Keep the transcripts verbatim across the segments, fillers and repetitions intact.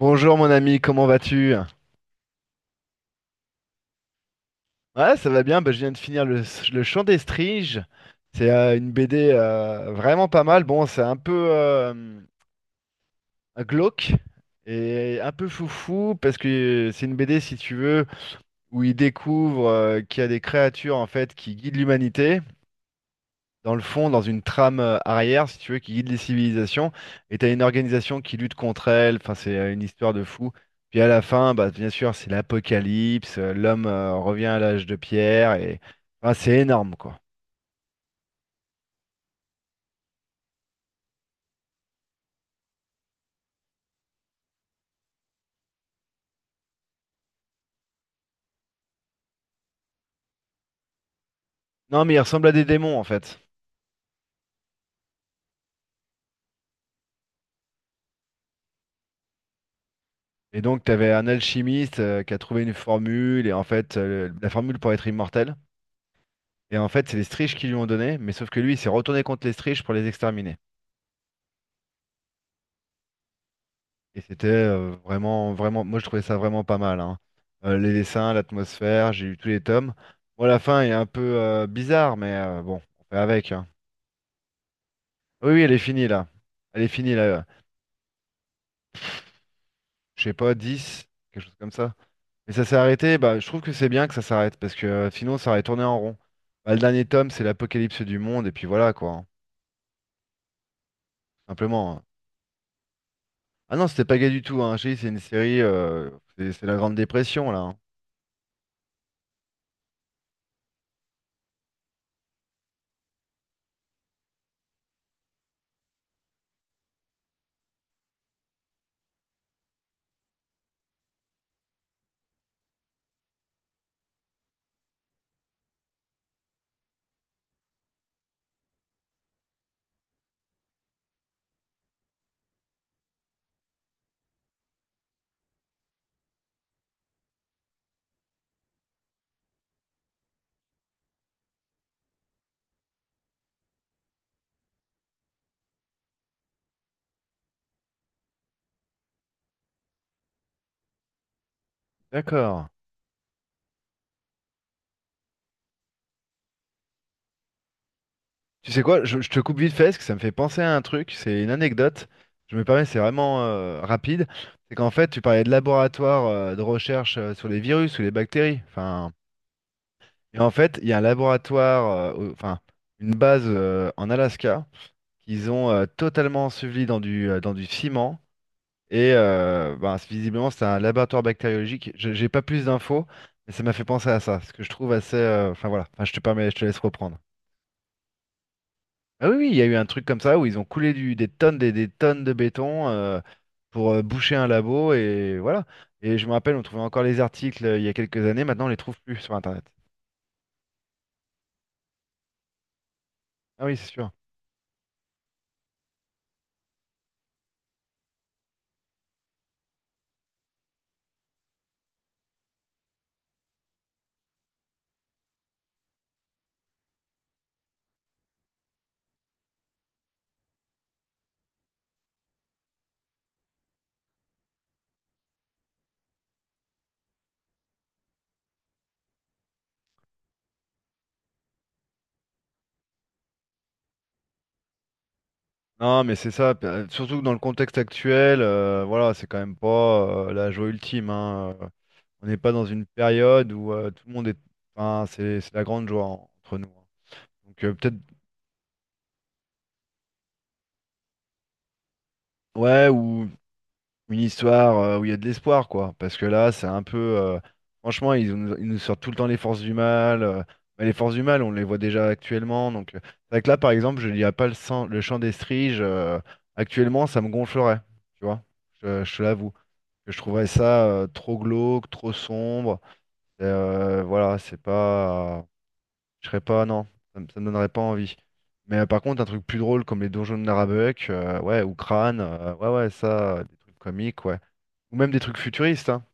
Bonjour mon ami, comment vas-tu? Ouais, ça va bien, bah, je viens de finir le, le Chant des Striges. C'est euh, une B D euh, vraiment pas mal. Bon, c'est un peu euh, glauque et un peu foufou parce que c'est une B D, si tu veux, où il découvre euh, qu'il y a des créatures en fait qui guident l'humanité, dans le fond, dans une trame euh, arrière, si tu veux, qui guide les civilisations. Et t'as une organisation qui lutte contre elle. Enfin, c'est euh, une histoire de fou. Puis à la fin, bah, bien sûr, c'est l'apocalypse. euh, L'homme euh, revient à l'âge de pierre. Et enfin, c'est énorme, quoi. Non, mais il ressemble à des démons, en fait. Et donc, t'avais un alchimiste euh, qui a trouvé une formule. Et en fait, euh, la formule pour être immortel. Et en fait, c'est les Striges qui lui ont donné. Mais sauf que lui, il s'est retourné contre les Striges pour les exterminer. Et c'était euh, vraiment, vraiment, moi je trouvais ça vraiment pas mal, hein. Euh, les dessins, l'atmosphère, j'ai lu tous les tomes. Bon, la fin est un peu euh, bizarre, mais euh, bon, on fait avec, hein. Oui, oui, elle est finie là. Elle est finie là. euh, Je sais pas, dix, quelque chose comme ça. Mais ça s'est arrêté, bah, je trouve que c'est bien que ça s'arrête, parce que euh, sinon ça aurait tourné en rond. Bah, le dernier tome, c'est l'apocalypse du monde, et puis voilà quoi, hein. Simplement, hein. Ah non, c'était pas gay du tout, hein. J'ai dit, c'est une série, euh, c'est c'est la Grande Dépression là, hein. D'accord. Tu sais quoi, je, je te coupe vite fait parce que ça me fait penser à un truc, c'est une anecdote. Je me permets, c'est vraiment euh, rapide. C'est qu'en fait, tu parlais de laboratoire euh, de recherche euh, sur les virus ou les bactéries. Enfin, et en fait, il y a un laboratoire, euh, au- enfin, une base euh, en Alaska qu'ils ont euh, totalement enseveli dans du, euh, dans du ciment. Et euh, ben, c'est- visiblement, c'est un laboratoire bactériologique. Je- J'ai pas plus d'infos, mais ça m'a fait penser à ça, ce que je trouve assez. euh, Enfin voilà, enfin, je te permets, je te laisse reprendre. Ah oui, oui, il y a eu un truc comme ça où ils ont coulé du- des tonnes, des, des tonnes de béton euh, pour euh, boucher un labo et voilà. Et je me rappelle, on trouvait encore les articles euh, il y a quelques années, maintenant on les trouve plus sur Internet. Ah oui, c'est sûr. Non, mais c'est ça. p- euh, Surtout que dans le contexte actuel, euh, voilà, c'est quand même pas euh, la joie ultime, hein. Euh, on n'est pas dans une période où euh, tout le monde est. Enfin, c'est c'est la grande joie en- entre nous, hein. Donc euh, peut-être, ouais, ou une histoire euh, où il y a de l'espoir, quoi. Parce que là, c'est un peu. Euh, franchement, ils nous, ils nous sortent tout le temps les forces du mal. Euh, mais les forces du mal, on les voit déjà actuellement. Donc, euh, c'est vrai que là, par exemple, je lirais pas le, sang- le chant des striges. Euh, actuellement, ça me gonflerait. Tu vois, je, je te l'avoue. Que Je trouverais ça euh, trop glauque, trop sombre. Euh, voilà, c'est pas. Je serais pas, non, ça, me ça me donnerait pas envie. Mais euh, par contre, un truc plus drôle comme les donjons de Narabeuk, euh, ouais, ou Crâne, euh, ouais, ouais, ça, euh, des trucs comiques, ouais. Ou même des trucs futuristes, hein.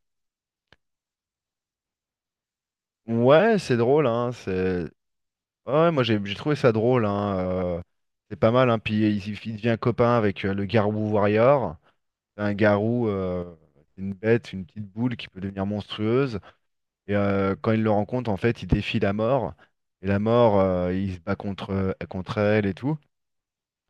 Ouais, c'est drôle, hein, c'est... Ouais, ouais, moi j'ai j'ai trouvé ça drôle, hein. euh, c'est pas mal, hein. Puis il, il il devient copain avec euh, le Garou Warrior. C'est un garou, euh, c'est une bête, une petite boule qui peut devenir monstrueuse. Et euh, quand il le rencontre, en fait, il défie la mort. Et la mort, euh, il se bat contre, contre elle et tout.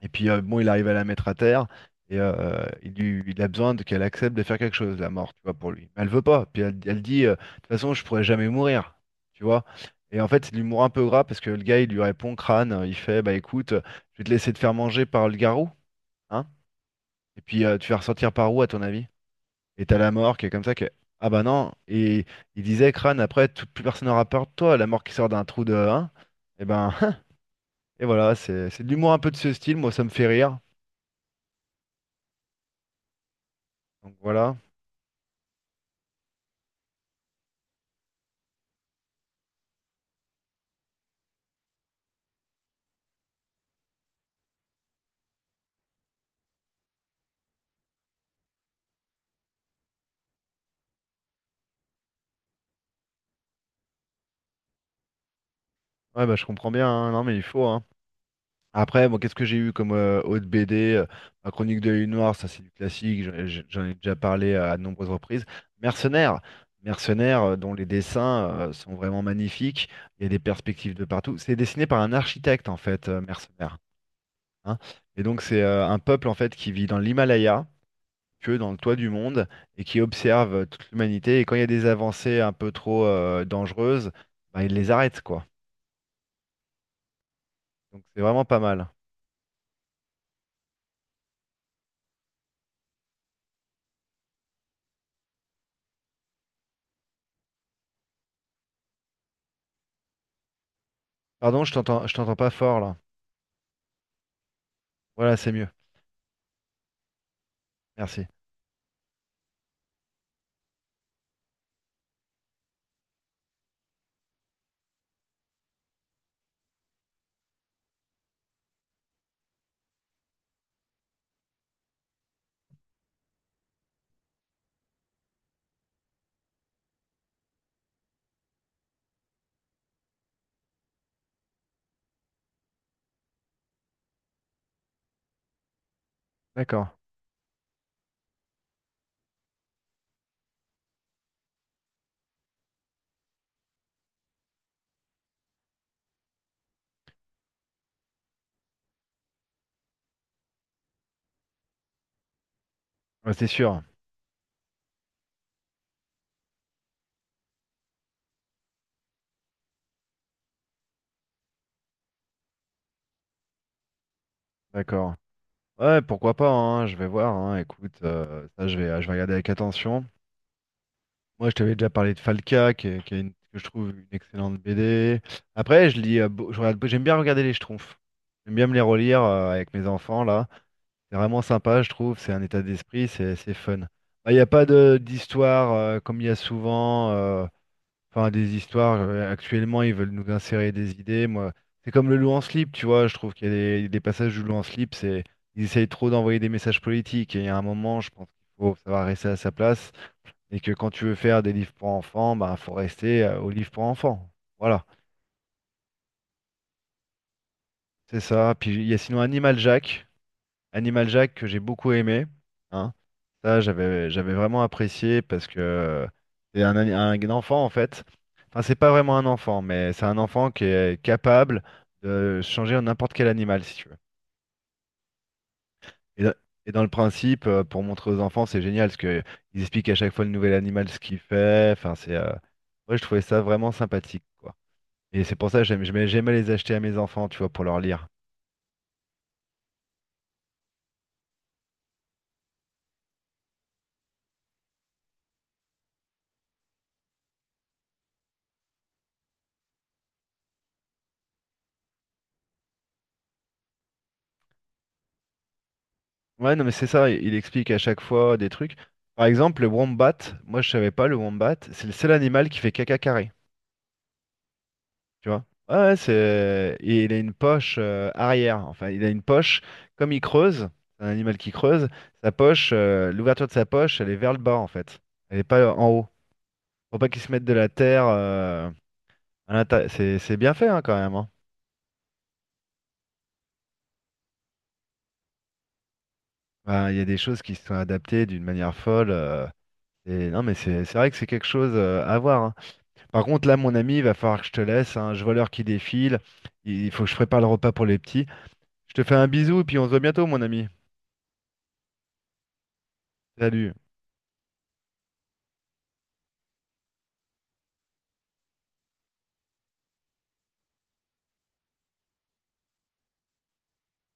Et puis euh, bon, il arrive à la mettre à terre et euh, il, lui- il a besoin de- qu'elle accepte de faire quelque chose, la mort, tu vois, pour lui. Mais elle veut pas. Puis elle, elle dit, euh, de toute façon, je pourrais jamais mourir, tu vois. Et en fait, c'est de l'humour un peu gras parce que le gars, il lui répond crâne, il fait, bah écoute, je vais te laisser te faire manger par le garrot, hein. Et puis euh, tu vas ressortir par où, à ton avis? Et t'as la mort qui est comme ça que, ah bah non. Et il disait crâne, après, tout, plus personne n'aura peur de toi, la mort qui sort d'un trou de, hein. Et ben, et voilà, c'est c'est de l'humour un peu de ce style. Moi, ça me fait rire. Donc voilà. Ouais, bah, je comprends bien, hein. Non, mais il faut, hein. Après, moi, qu'est-ce que j'ai eu comme euh, autre B D? euh, Ma chronique de l'œil noir, ça c'est du classique, j'en j'en- j'en ai déjà parlé à de nombreuses reprises. Mercenaires, Mercenaires euh, dont les dessins euh, sont vraiment magnifiques, il y a des perspectives de partout. C'est dessiné par un architecte, en fait, euh, Mercenaires, hein. Et donc, c'est euh, un peuple, en fait, qui vit dans l'Himalaya, que dans le toit du monde, et qui observe euh, toute l'humanité. Et quand il y a des avancées un peu trop euh, dangereuses, bah, il les arrêtent quoi. Donc, c'est vraiment pas mal. Pardon, je t'entends, je t'entends pas fort là. Voilà, c'est mieux. Merci. D'accord. Ouais, c'est sûr. D'accord. Ouais, pourquoi pas, hein, je vais voir, hein. Écoute, euh, ça, je vais, je vais regarder avec attention. Moi, je t'avais déjà parlé de Falca, qui est, qui est une- que je trouve une excellente B D. Après, je lis, euh, beau- je regarde- j'aime bien regarder les Schtroumpfs. J'aime bien me les relire euh, avec mes enfants là. C'est vraiment sympa, je trouve. C'est un état d'esprit, c'est c'est fun. Bah, il n'y a pas de d'histoire euh, comme il y a souvent. euh, Enfin, des histoires, euh, actuellement, ils veulent nous insérer des idées. Moi, c'est comme le loup en slip, tu vois. Je trouve qu'il y a des, des passages du loup en slip, c'est, ils essayent trop d'envoyer des messages politiques. Et il y a un moment, je pense qu'il faut savoir rester à sa place. Et que quand tu veux faire des livres pour enfants, bah, faut rester euh, aux livres pour enfants. Voilà, c'est ça. Puis il y a sinon Animal Jack. Animal Jack que j'ai beaucoup aimé. Hein. Ça, j'avais j'avais vraiment apprécié parce que euh, c'est un, ani- un enfant en fait. Enfin, c'est pas vraiment un enfant, mais c'est un enfant qui est capable de changer en n'importe quel animal si tu veux. Et, dans et dans le principe, euh, pour montrer aux enfants, c'est génial parce que ils expliquent à chaque fois le nouvel animal ce qu'il fait. Enfin, c'est euh, ouais, je trouvais ça vraiment sympathique, quoi. Et c'est pour ça que j'aime- j'aimais j'aimais les acheter à mes enfants, tu vois, pour leur lire. Ouais, non, mais c'est ça, il il explique à chaque fois des trucs. Par exemple, le wombat, moi je savais pas, le wombat, c'est le seul animal qui fait caca carré. Tu vois? Ouais, ouais, c'est... Et il a une poche euh, arrière. Enfin, il a une poche, comme il creuse, c'est un animal qui creuse, sa poche, euh, l'ouverture de sa poche, elle est vers le bas, en fait. Elle est pas en haut. Faut pas qu'il se mette de la terre euh, à l'intérieur. C'est c'est bien fait, hein, quand même, hein. Enfin, il y a des choses qui se sont adaptées d'une manière folle. Euh, et non, mais c'est c'est vrai que c'est quelque chose euh, à voir, hein. Par contre, là, mon ami, il va falloir que je te laisse, hein. Je vois l'heure qui défile. Il il faut que je prépare le repas pour les petits. Je te fais un bisou et puis on se voit bientôt, mon ami. Salut.